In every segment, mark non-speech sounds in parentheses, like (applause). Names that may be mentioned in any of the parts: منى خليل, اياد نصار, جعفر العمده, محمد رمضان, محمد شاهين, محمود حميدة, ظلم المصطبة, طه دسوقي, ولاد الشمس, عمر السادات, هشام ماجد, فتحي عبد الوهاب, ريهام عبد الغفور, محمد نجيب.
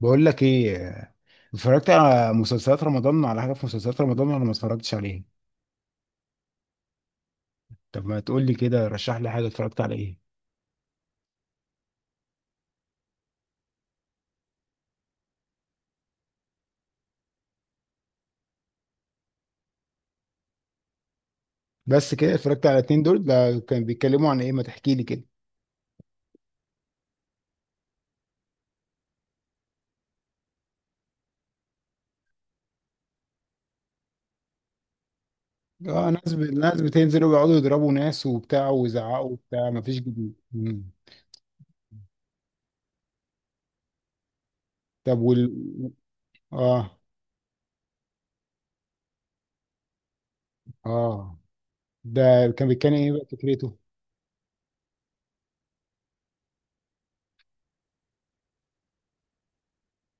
بقول لك ايه؟ اتفرجت على مسلسلات رمضان، على حاجه في مسلسلات رمضان ولا ما اتفرجتش عليها؟ طب ما تقول لي كده، رشح لي حاجه، اتفرجت على ايه؟ بس كده اتفرجت على اتنين. دول ده كان بيتكلموا عن ايه؟ ما تحكي لي كده. اه، ناس بتنزل ويقعدوا يضربوا ناس وبتاع ويزعقوا وبتاع، ما فيش جديد. مم. طب، اه، اه، ده كان بيتكلم ايه بقى فكرته؟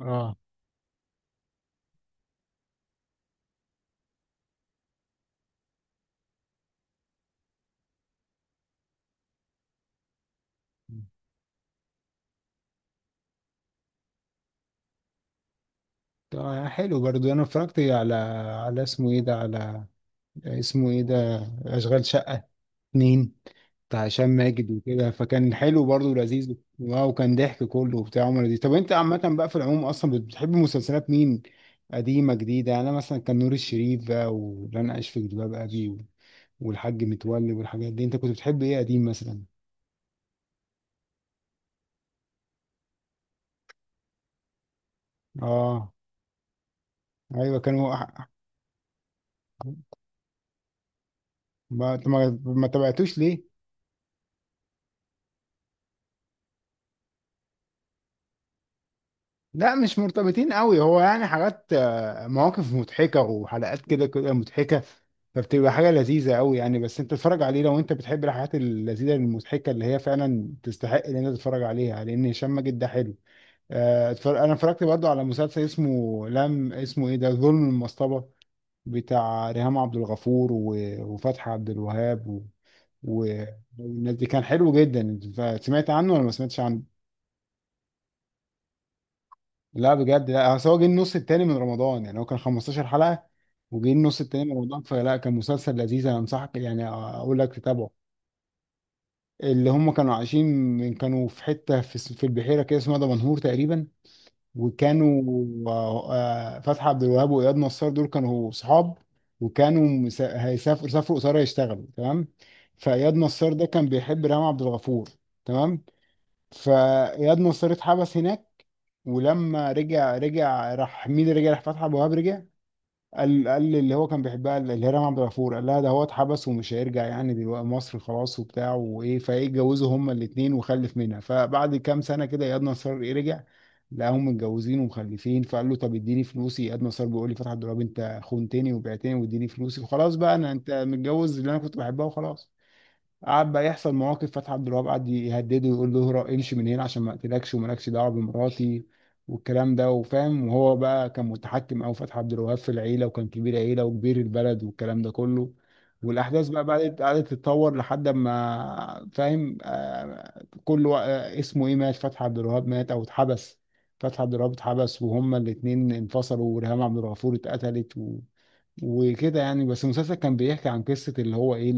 اه، ده حلو برضو. انا اتفرجت على اسمه ايه ده، على اسمه ايه ده، اشغال شقه اتنين، بتاع هشام ماجد وكده، فكان حلو برضه ولذيذ، واو كان ضحك كله وبتاع، عمر لذيذ. طب انت عامة بقى في العموم اصلا بتحب مسلسلات مين، قديمة جديدة؟ يعني انا مثلا، كان نور الشريف بقى، ولن اعيش في جلباب ابي، والحاج متولي والحاجات دي. انت كنت بتحب ايه قديم مثلا؟ اه، ايوه، ما تابعتوش ليه؟ لا مش مرتبطين قوي، هو يعني حاجات، مواقف مضحكة وحلقات كده كده مضحكة، فبتبقى حاجة لذيذة قوي يعني. بس انت تتفرج عليه لو انت بتحب الحاجات اللذيذة المضحكة اللي هي فعلا تستحق ان انت تتفرج عليها، لان هشام ماجد ده حلو. انا اتفرجت برضو على مسلسل اسمه، لم اسمه ايه ده، ظلم المصطبة، بتاع ريهام عبد الغفور وفتحي عبد الوهاب و... والناس دي، كان حلو جدا. سمعت عنه ولا ما سمعتش عنه؟ لا بجد، لا، اصل هو جه النص التاني من رمضان، يعني هو كان 15 حلقة، وجه النص التاني من رمضان، فلا، كان مسلسل لذيذ، انا انصحك يعني اقول لك تتابعه. اللي هم كانوا عايشين، من كانوا في حتة في في البحيرة كده، اسمها دمنهور تقريبا. وكانوا، آه، فتحي عبد الوهاب واياد نصار دول كانوا صحاب، وكانوا مس- هيسافروا سافروا قصير يشتغلوا، تمام. فاياد نصار ده كان بيحب ريهام عبد الغفور. تمام. فاياد نصار اتحبس هناك. ولما رجع، رجع راح، مين اللي رجع؟ راح فتحي ابو وهاب رجع. قال اللي هو كان بيحبها اللي هي رام عبد الغفور، قال لها ده هو اتحبس ومش هيرجع يعني، دلوقتي مصر خلاص وبتاع وايه، فايه، اتجوزوا هما الاثنين وخلف منها. فبعد كام سنه كده اياد نصار ايه، رجع، لقاهم متجوزين ومخلفين. فقال له طب اديني فلوسي. اياد نصار بيقول لي فتحي عبد الوهاب انت خنتني وبعتني، واديني فلوسي وخلاص بقى، انا، انت متجوز اللي انا كنت بحبها وخلاص. قعد بقى يحصل مواقف. فتحي عبد الوهاب قعد يهدده ويقول له اهرب، امشي من هنا عشان ما اقتلكش، ومالكش دعوه بمراتي والكلام ده. وفاهم وهو بقى كان متحكم، او فتحي عبد الوهاب في العيله، وكان كبير عيله وكبير البلد والكلام ده كله. والاحداث بقى بدات قعدت تتطور، لحد ما، فاهم، آه، كل وا- آه، اسمه ايه، مات، فتحي عبد الوهاب مات او اتحبس، فتحي عبد الوهاب اتحبس، وهما الاثنين انفصلوا، وريهام عبد الغفور اتقتلت وكده يعني. بس المسلسل كان بيحكي عن قصه اللي هو ايه،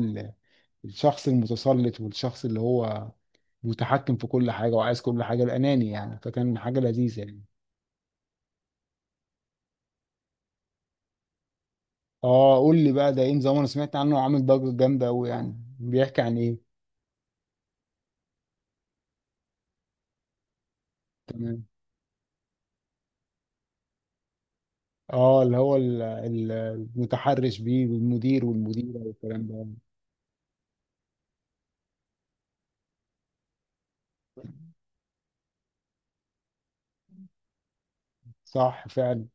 الشخص المتسلط، والشخص اللي هو متحكم في كل حاجة وعايز كل حاجة، الأناني يعني، فكان حاجة لذيذة يعني. اه، قول لي بقى ده ايه نظام، انا سمعت عنه عامل ضجة جامدة قوي، يعني بيحكي عن ايه؟ تمام. اه، اللي هو المتحرش بيه، والمدير والمديرة والكلام ده. صح فعلا.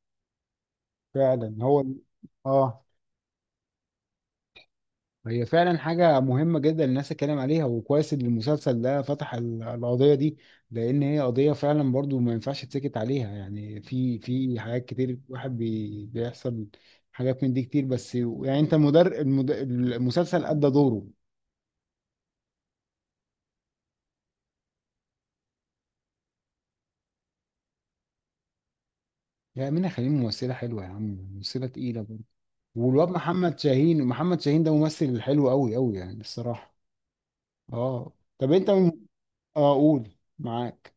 فعلا، اه، هي فعلا حاجة مهمة جدا الناس تتكلم عليها، وكويس ان المسلسل ده فتح القضية دي، لان هي قضية فعلا برضو ما ينفعش تسكت عليها يعني. في حاجات كتير واحد بيحصل. حاجات من دي كتير بس يعني. انت المسلسل ادى دوره. يا منى خليل ممثلة حلوة يا عم، ممثلة تقيلة برضو. والواد محمد شاهين، محمد شاهين ده ممثل حلو قوي قوي يعني الصراحة. اه. طب انت اه، قول، معاك.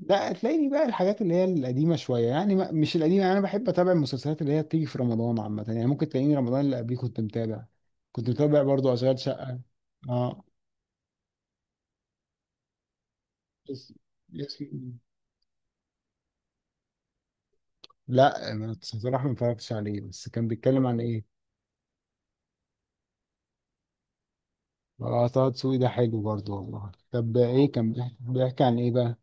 لا، تلاقيني بقى الحاجات اللي هي القديمة شوية، يعني مش القديمة يعني، أنا بحب أتابع المسلسلات اللي هي بتيجي في رمضان عامة، يعني ممكن تلاقيني رمضان اللي قبليه كنت متابع، كنت متابع برضو أشغال شقة. اه. يس... يس... لا، أنا بصراحة ما اتفرجتش عليه، بس كان بيتكلم عن إيه؟ اه، طه دسوقي ده حلو برضو والله. طب إيه كان بيحكي بيحكي عن إيه بقى؟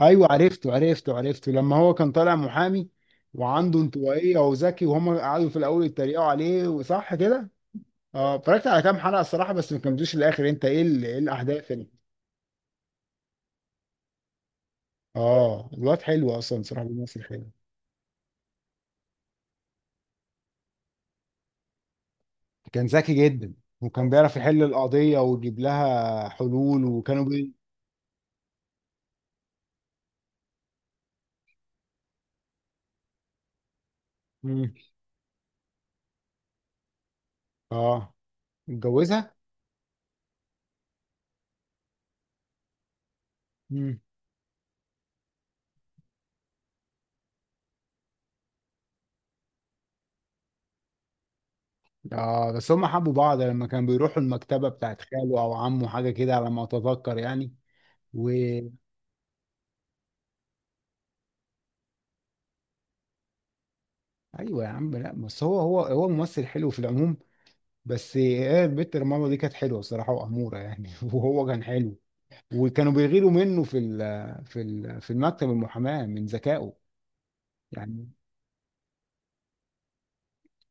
أيوه، عرفته عرفته عرفته، لما هو كان طالع محامي وعنده انطوائية وذكي، وهم قعدوا في الأول يتريقوا عليه، وصح كده؟ اه، اتفرجت على كام حلقه الصراحه، بس ما كملتوش للاخر. انت ايه ايه الاحداث اللي... اه، الواد حلو اصلا صراحه، بيمثل حلو. كان ذكي جدا، وكان بيعرف يحل القضية ويجيب لها حلول، وكانوا بي... مم. اه. اتجوزها. مم. اه، بس هم حبوا بعض لما كانوا بيروحوا المكتبة بتاعت خاله او عمه، حاجة كده على ما اتذكر يعني. و... ايوه يا عم، لا بس هو، هو ممثل حلو في العموم. بس هي البت رمضان دي كانت حلوة الصراحة وأمورة يعني (laughs) وهو كان حلو. وكانوا بيغيروا منه في المكتب المحاماة من ذكائه يعني.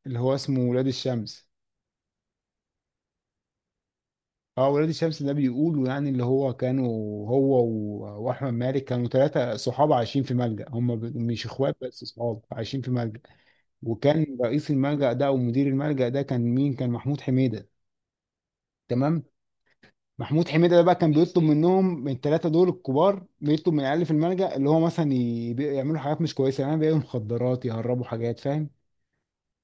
اللي هو اسمه ولاد الشمس. اه، ولاد الشمس ده بيقولوا يعني اللي هو كانوا، هو واحمد مالك كانوا ثلاثة صحاب عايشين في ملجأ، هم مش اخوات بس صحاب عايشين في ملجأ. وكان رئيس الملجأ ده او مدير الملجأ ده كان مين، كان محمود حميدة. تمام. محمود حميدة ده بقى كان بيطلب منهم، من الثلاثة دول الكبار، بيطلب من العيال في الملجأ اللي هو مثلا، يعملوا حاجات مش كويسة، يعني بيعملوا مخدرات، يهربوا حاجات، فاهم.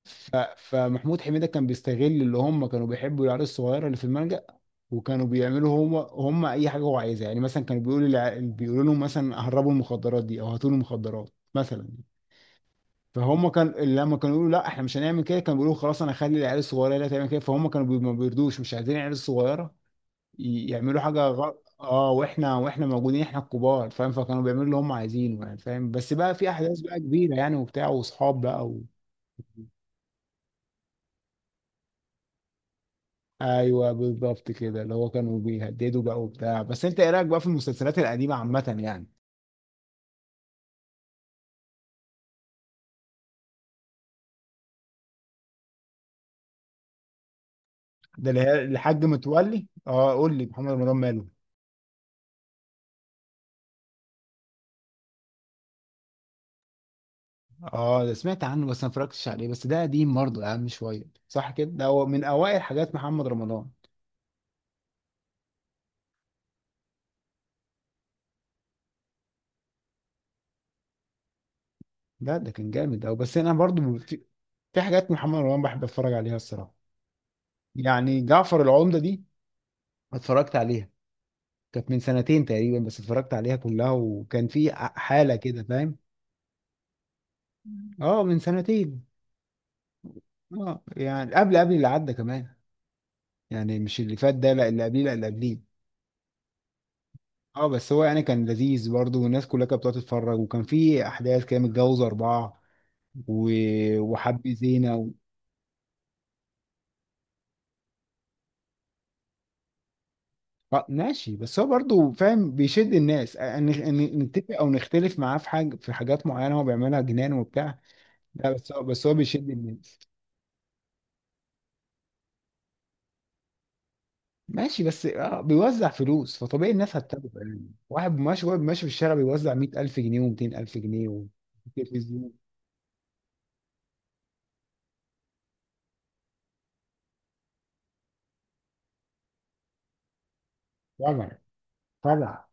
فمحمود حميدة كان بيستغل اللي هم كانوا بيحبوا العيال الصغيرة اللي في الملجأ. وكانوا بيعملوا، هم اي حاجة هو عايزها يعني، مثلا كانوا بيقولوا لهم مثلا هربوا المخدرات دي، او هاتوا لي مخدرات مثلا. فهم كان لما كانوا يقولوا لا احنا مش هنعمل كده، كانوا بيقولوا خلاص، انا هخلي العيال الصغيرة هي اللي تعمل كده. فهم كانوا ما بيرضوش، مش عايزين العيال الصغيرة يعملوا حاجة غلط. اه، واحنا موجودين، احنا الكبار، فاهم. فكانوا بيعملوا اللي هم عايزينه يعني، فاهم، بس بقى في احداث بقى كبيرة يعني وبتاع واصحاب بقى. ايوه، بالظبط كده، اللي هو كانوا بيهددوا بقى وبتاع. بس انت ايه رايك بقى في المسلسلات القديمه عامه يعني؟ ده اللي هي الحاج متولي. اه، قول لي محمد رمضان ماله. اه، ده سمعت عنه بس ما اتفرجتش عليه، بس ده قديم برضه اهم شويه صح كده، ده هو من اوائل حاجات محمد رمضان. لا ده كان جامد أوي. بس انا برضه في حاجات محمد رمضان بحب اتفرج عليها الصراحه. يعني جعفر العمده دي، اتفرجت عليها، كانت من سنتين تقريبا، بس اتفرجت عليها كلها وكان في حاله كده فاهم. اه، من سنتين. اه، يعني قبل، قبل اللي عدى كمان يعني، مش اللي فات ده لا، اللي قبليه لا، اللي قبليه. اه، بس هو يعني كان لذيذ برضه، والناس كلها كانت بتقعد تتفرج، وكان في احداث كده متجوز اربعه و... وحب زينه آه، ماشي، بس هو برضه فاهم بيشد الناس، ان نتفق او نختلف معاه في حاجات معينه هو بيعملها جنان وبتاع. لا بس هو، بيشد الناس. ماشي بس اه بيوزع فلوس فطبيعي الناس هتتابعه يعني. واحد ماشي، في الشارع بيوزع 100000 جنيه و200000 جنيه تلفزيون. طبعا. طبعا.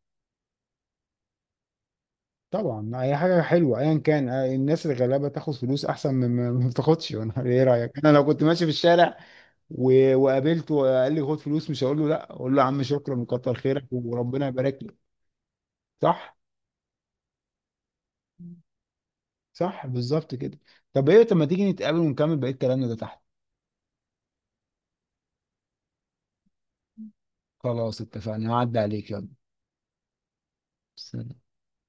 طبعا، اي حاجه حلوه ايا كان، الناس الغلابه تاخد فلوس احسن من ما بتاخدش انا (laughs) ايه رايك، انا لو كنت ماشي في الشارع وقابلته وقال لي خد فلوس، مش هقول له لا، اقول له يا عم شكرا وكتر خيرك وربنا يبارك لك. صح. صح، بالظبط كده. طب ايه، ما تيجي نتقابل ونكمل بقيه كلامنا ده تحت. خلاص، اتفقنا، هعدي عليك يلا. سلام.